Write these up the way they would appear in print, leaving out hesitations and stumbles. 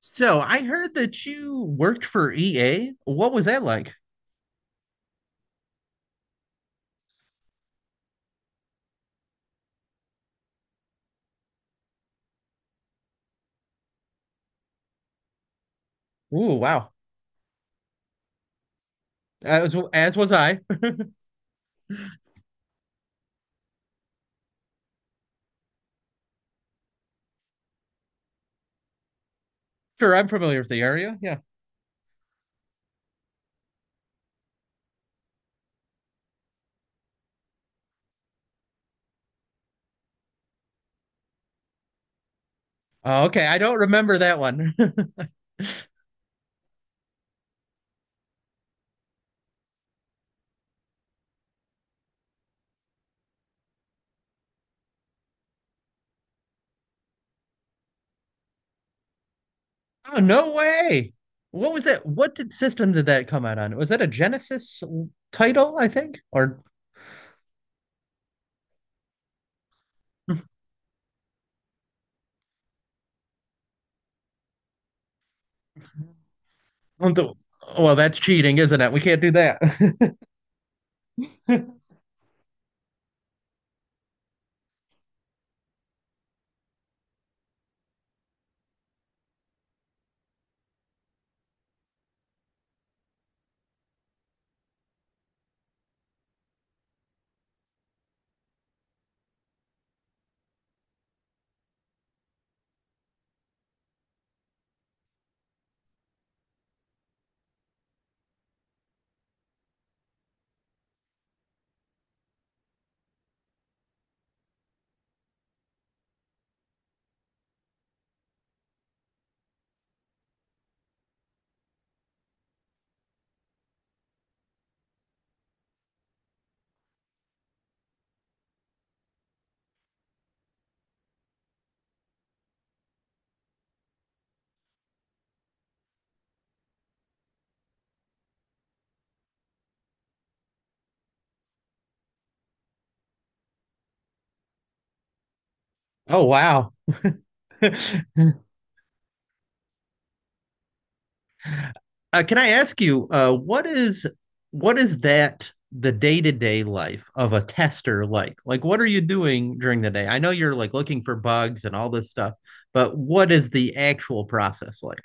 So I heard that you worked for EA. What was that like? Ooh, wow. As was I. Sure, I'm familiar with the area. Yeah. Oh, okay. I don't remember that one. Oh, no way. What was that? What did system did that come out on? Was that a Genesis title, I think? Or well, that's cheating, isn't it? We can't do that. Oh, wow. Can I ask you, what is that the day to day life of a tester like? Like, what are you doing during the day? I know you're like looking for bugs and all this stuff, but what is the actual process like?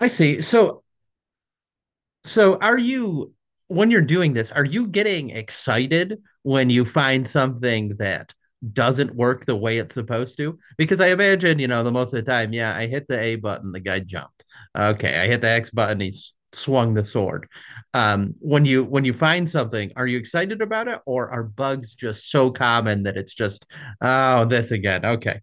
I see. So are you, when you're doing this, are you getting excited when you find something that doesn't work the way it's supposed to? Because I imagine, the most of the time, yeah, I hit the A button, the guy jumped. Okay, I hit the X button, he's swung the sword. When you when you find something, are you excited about it, or are bugs just so common that it's just, oh, this again? Okay.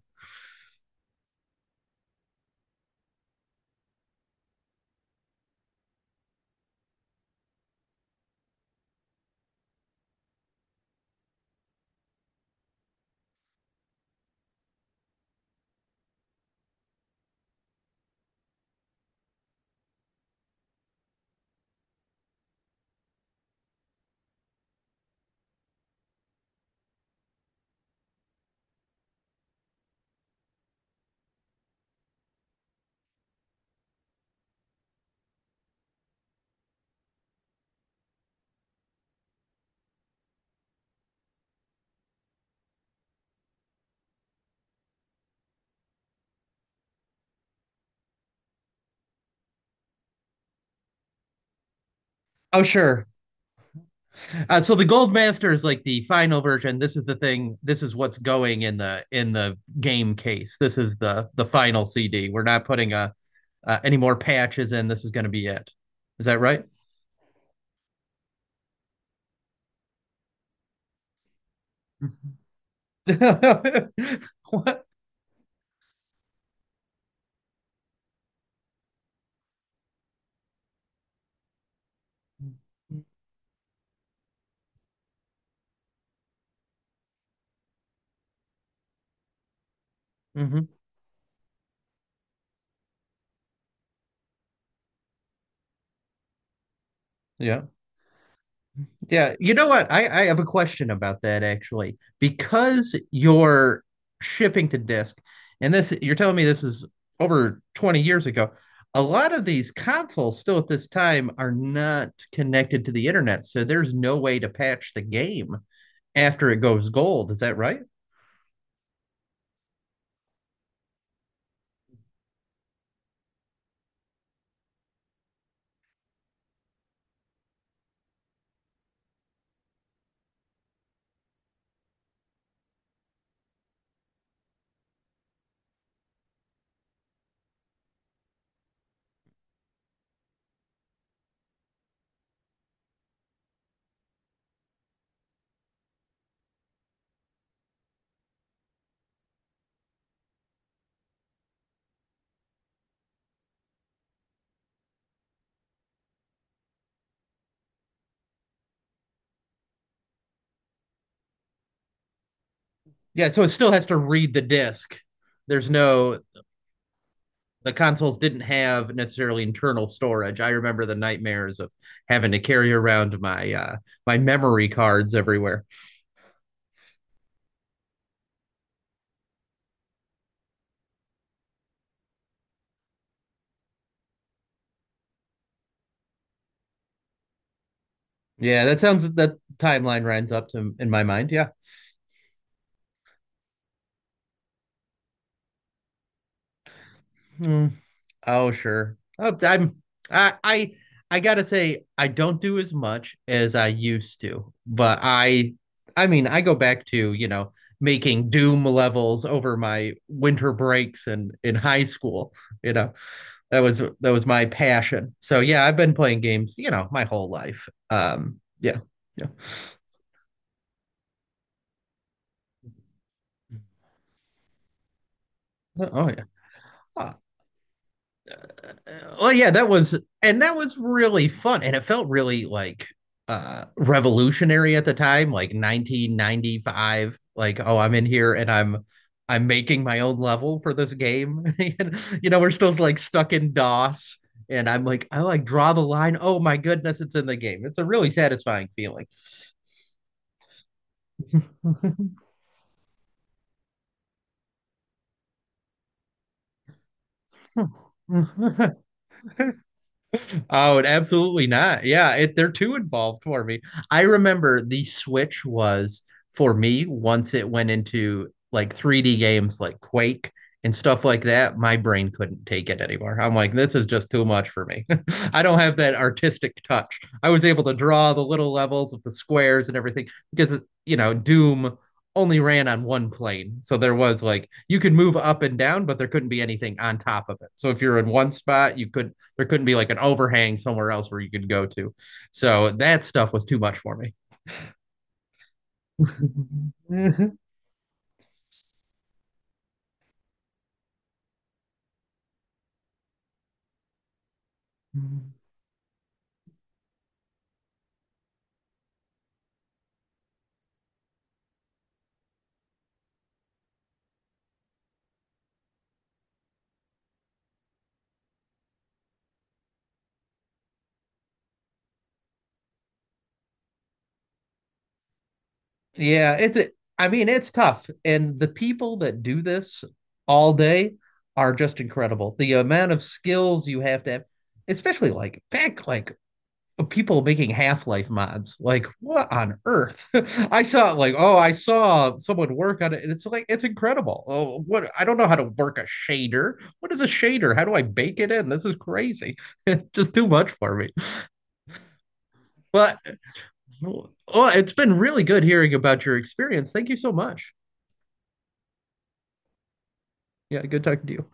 Oh, sure. So the Gold Master is like the final version. This is the thing. This is what's going in the game case. This is the final CD. We're not putting a any more patches in. This is going to be it. Is that right? What? Hmm. Yeah. Yeah, you know what? I have a question about that actually. Because you're shipping to disk, and this you're telling me this is over 20 years ago, a lot of these consoles still at this time are not connected to the internet, so there's no way to patch the game after it goes gold. Is that right? Yeah, so it still has to read the disk. There's no the consoles didn't have necessarily internal storage. I remember the nightmares of having to carry around my my memory cards everywhere. Yeah, that sounds that timeline runs up to in my mind. Yeah. Hmm. Oh, sure. Oh, I I I gotta say I don't do as much as I used to, but I mean I go back to, you know, making Doom levels over my winter breaks and in high school. You know, that was my passion. So yeah, I've been playing games, you know, my whole life. Yeah, yeah. Oh oh, yeah. Ah, uh, Oh, well, yeah, that was and that was really fun, and it felt really like revolutionary at the time, like 1995. Like, oh, I'm in here and I'm making my own level for this game. And, you know, we're still like stuck in DOS. And I'm like, I like draw the line. Oh my goodness, it's in the game. It's a really satisfying feeling. Oh, and absolutely not. Yeah, it, they're too involved for me. I remember the Switch was for me once it went into like 3D games like Quake and stuff like that, my brain couldn't take it anymore. I'm like, this is just too much for me. I don't have that artistic touch. I was able to draw the little levels with the squares and everything because, you know, Doom only ran on one plane. So there was like you could move up and down, but there couldn't be anything on top of it. So if you're in one spot, you could there couldn't be like an overhang somewhere else where you could go to. So that stuff was too much for me. Yeah, it's a, I mean, it's tough. And the people that do this all day are just incredible. The amount of skills you have to have, especially like back like people making half-life mods, like what on earth. I saw like, oh, I saw someone work on it and it's like it's incredible. Oh, what, I don't know how to work a shader. What is a shader? How do I bake it in? This is crazy. Just too much for me. But well, it's been really good hearing about your experience. Thank you so much. Yeah, good talking to you.